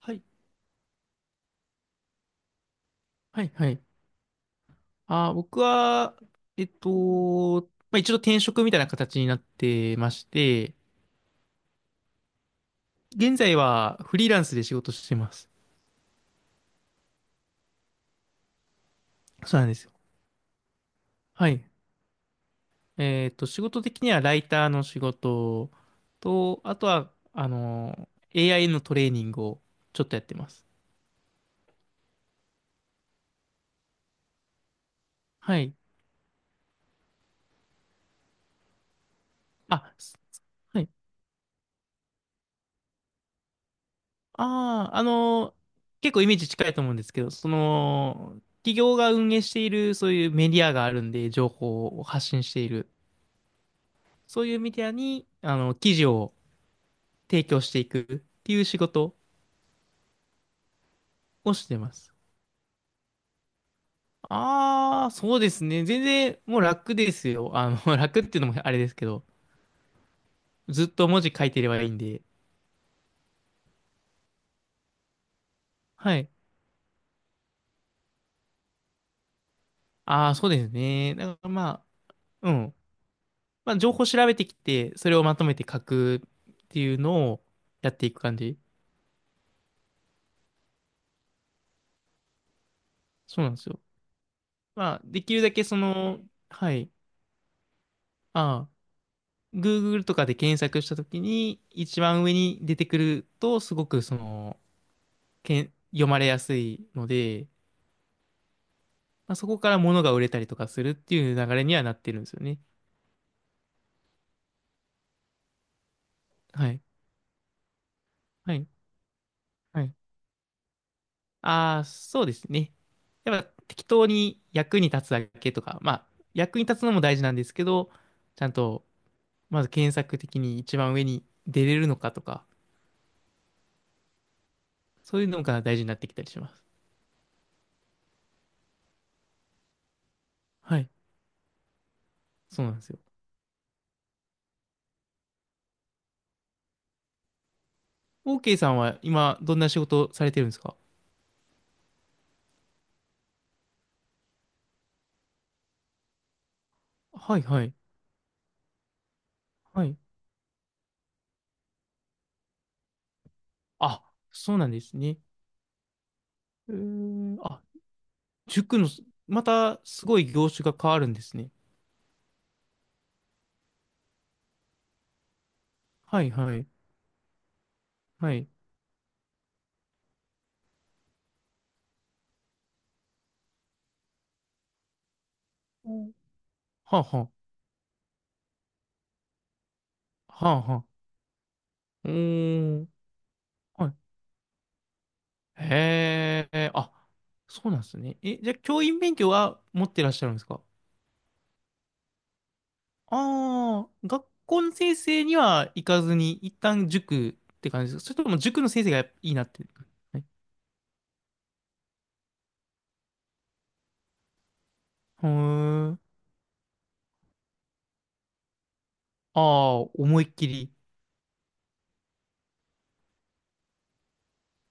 はい。はい、はい。僕は、まあ、一度転職みたいな形になってまして、現在はフリーランスで仕事してます。そうなんですよ。はい。仕事的にはライターの仕事と、あとは、AI のトレーニングをちょっとやってます。はい。あ、すはい。ああ、結構イメージ近いと思うんですけど、その、企業が運営しているそういうメディアがあるんで、情報を発信している。そういうメディアに、記事を提供していくっていう仕事をしてます。ああ、そうですね。全然もう楽ですよ。あの、楽っていうのもあれですけど、ずっと文字書いてればいいんで。はい。ああ、そうですね。だからまあ、うん。まあ、情報調べてきて、それをまとめて書くっていうのをやっていく感じ。そうなんですよ。まあ、できるだけその、はい。ああ、Google とかで検索したときに、一番上に出てくると、すごくその、読まれやすいので、まあ、そこから物が売れたりとかするっていう流れにはなってるんですよね。はい。はい。はい。ああ、そうですね。やっぱ適当に役に立つだけとか、まあ、役に立つのも大事なんですけど、ちゃんと、まず検索的に一番上に出れるのかとか、そういうのが大事になってきたりします。はい。そうなんですよ。OK さんは今、どんな仕事をされてるんですか？はい、はい。はい。あ、そうなんですね。うーん、あ塾の、またすごい業種が変わるんですね。はいはい。はい。うん、はあはあ。はあはあ。うーん。はい。へえ。あ、そうなんですね。え、じゃあ教員免許は持ってらっしゃるんですか？ああー、学校の先生には行かずに、一旦塾って感じですか？それとも塾の先生がいいなって。はい。へー、ああ、思いっきり。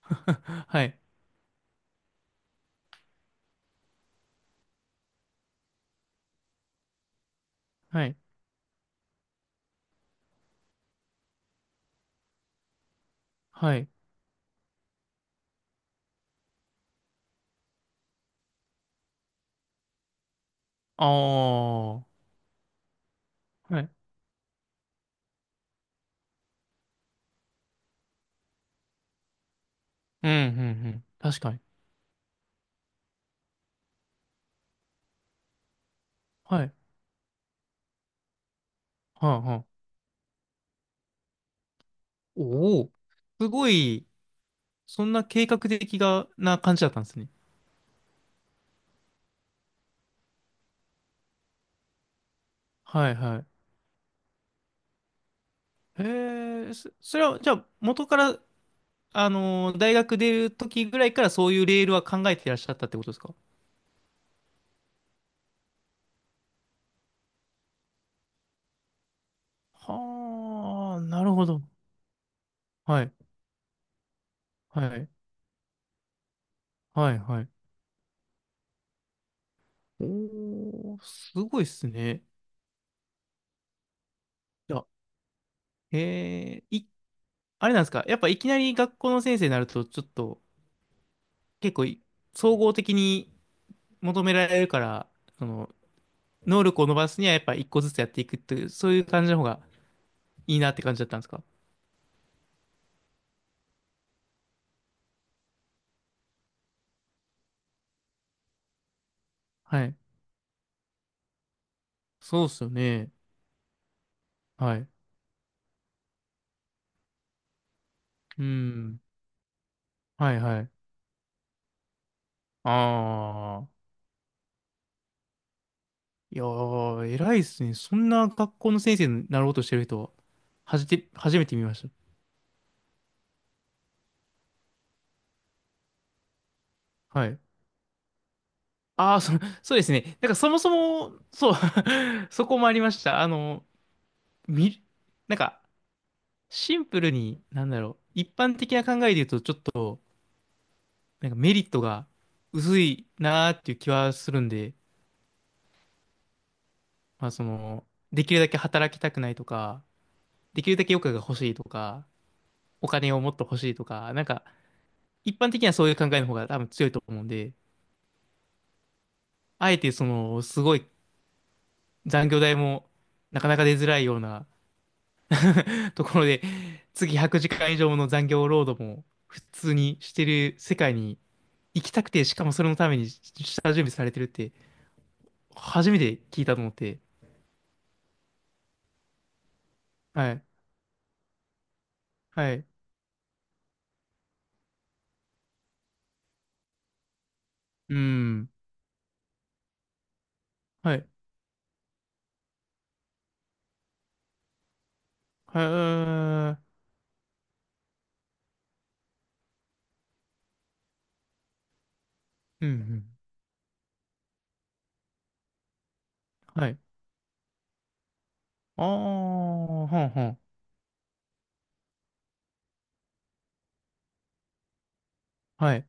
はい。はい。はい。ああ。はい。うん、うん、うん。確かに。はい。はあ、はあ。おお、すごい、そんな計画的がな感じだったんですね。はいはい。へえ、それは、じゃあ、元から、大学出る時ぐらいからそういうレールは考えていらっしゃったってことですか？はあ、なるほど。はい、はい、はい、はい。おー、すごいっすね。いや、えー、い、あれなんですか？やっぱいきなり学校の先生になると、ちょっと、結構い、総合的に求められるから、その、能力を伸ばすにはやっぱ一個ずつやっていくっていう、そういう感じの方がいいなって感じだったんですか？はい。そうっすよね。はい。うん。はいはい。ああ。いやー、偉いっすね。そんな学校の先生になろうとしてる人は、はじて、初めて見ました。はい。ああ、そ、そうですね。なんかそもそも、そう、そこもありました。み、なんか、シンプルに、なんだろう、一般的な考えで言うと、ちょっと、なんかメリットが薄いなーっていう気はするんで、まあその、できるだけ働きたくないとか、できるだけ余暇が欲しいとか、お金をもっと欲しいとか、なんか一般的にはそういう考えの方が多分強いと思うんで、あえてその、すごい残業代もなかなか出づらいような ところで、次100時間以上の残業労働も普通にしてる世界に行きたくて、しかもそれのために下準備されてるって、初めて聞いたと思って、はい、はい、うん、はい、はい、うん、うん、はい。ああ、はんはん。はい。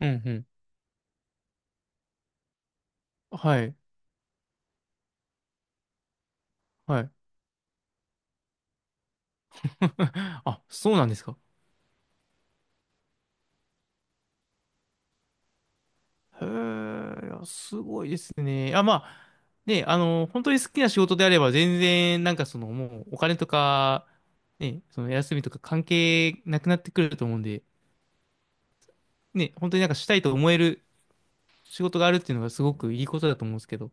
うんうん。はい。はい。あ、そうなんですか。へえ、いや、すごいですね。あ、まあ、ね、あの、本当に好きな仕事であれば、全然、なんかその、もう、お金とか、ね、その、休みとか関係なくなってくると思うんで、ね、本当になんかしたいと思える仕事があるっていうのがすごくいいことだと思うんですけど。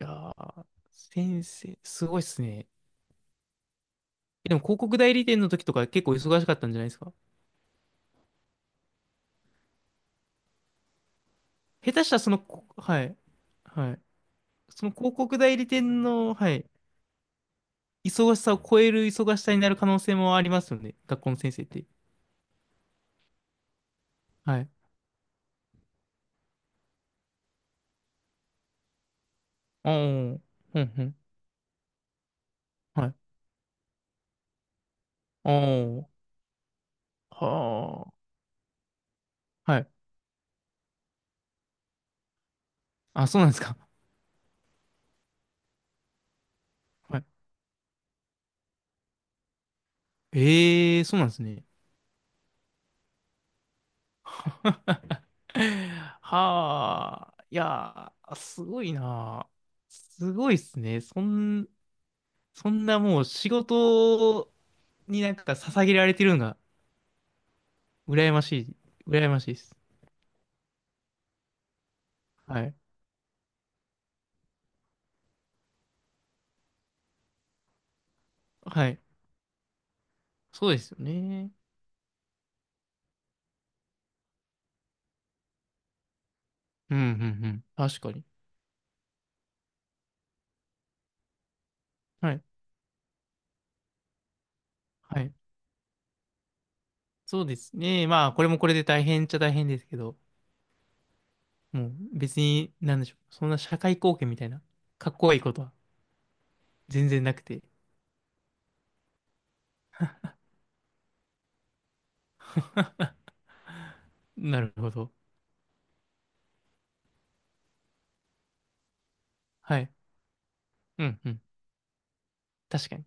いやー、先生、すごいっすね。えでも、広告代理店の時とか結構忙しかったんじゃないですか。下手したらその、こはい。はい。その広告代理店の、はい、忙しさを超える忙しさになる可能性もありますよね、学校の先生って。はい。ああ、うんうん。はい。ああ、はあ。はい。あ、そうなんですか。はい。ええ、そうなんですね。はあ。いやー、すごいな。すごいっすね。そんなもう仕事になんか捧げられてるのが羨ましい、羨ましいです。はい。はい。そうですよね。うん、うん、うん。確かに。はい。はい。そうですね。まあ、これもこれで大変っちゃ大変ですけど、もう別に、なんでしょう。そんな社会貢献みたいな、かっこいいことは全然なくて。なるほど。はい。うん、うん。確かに。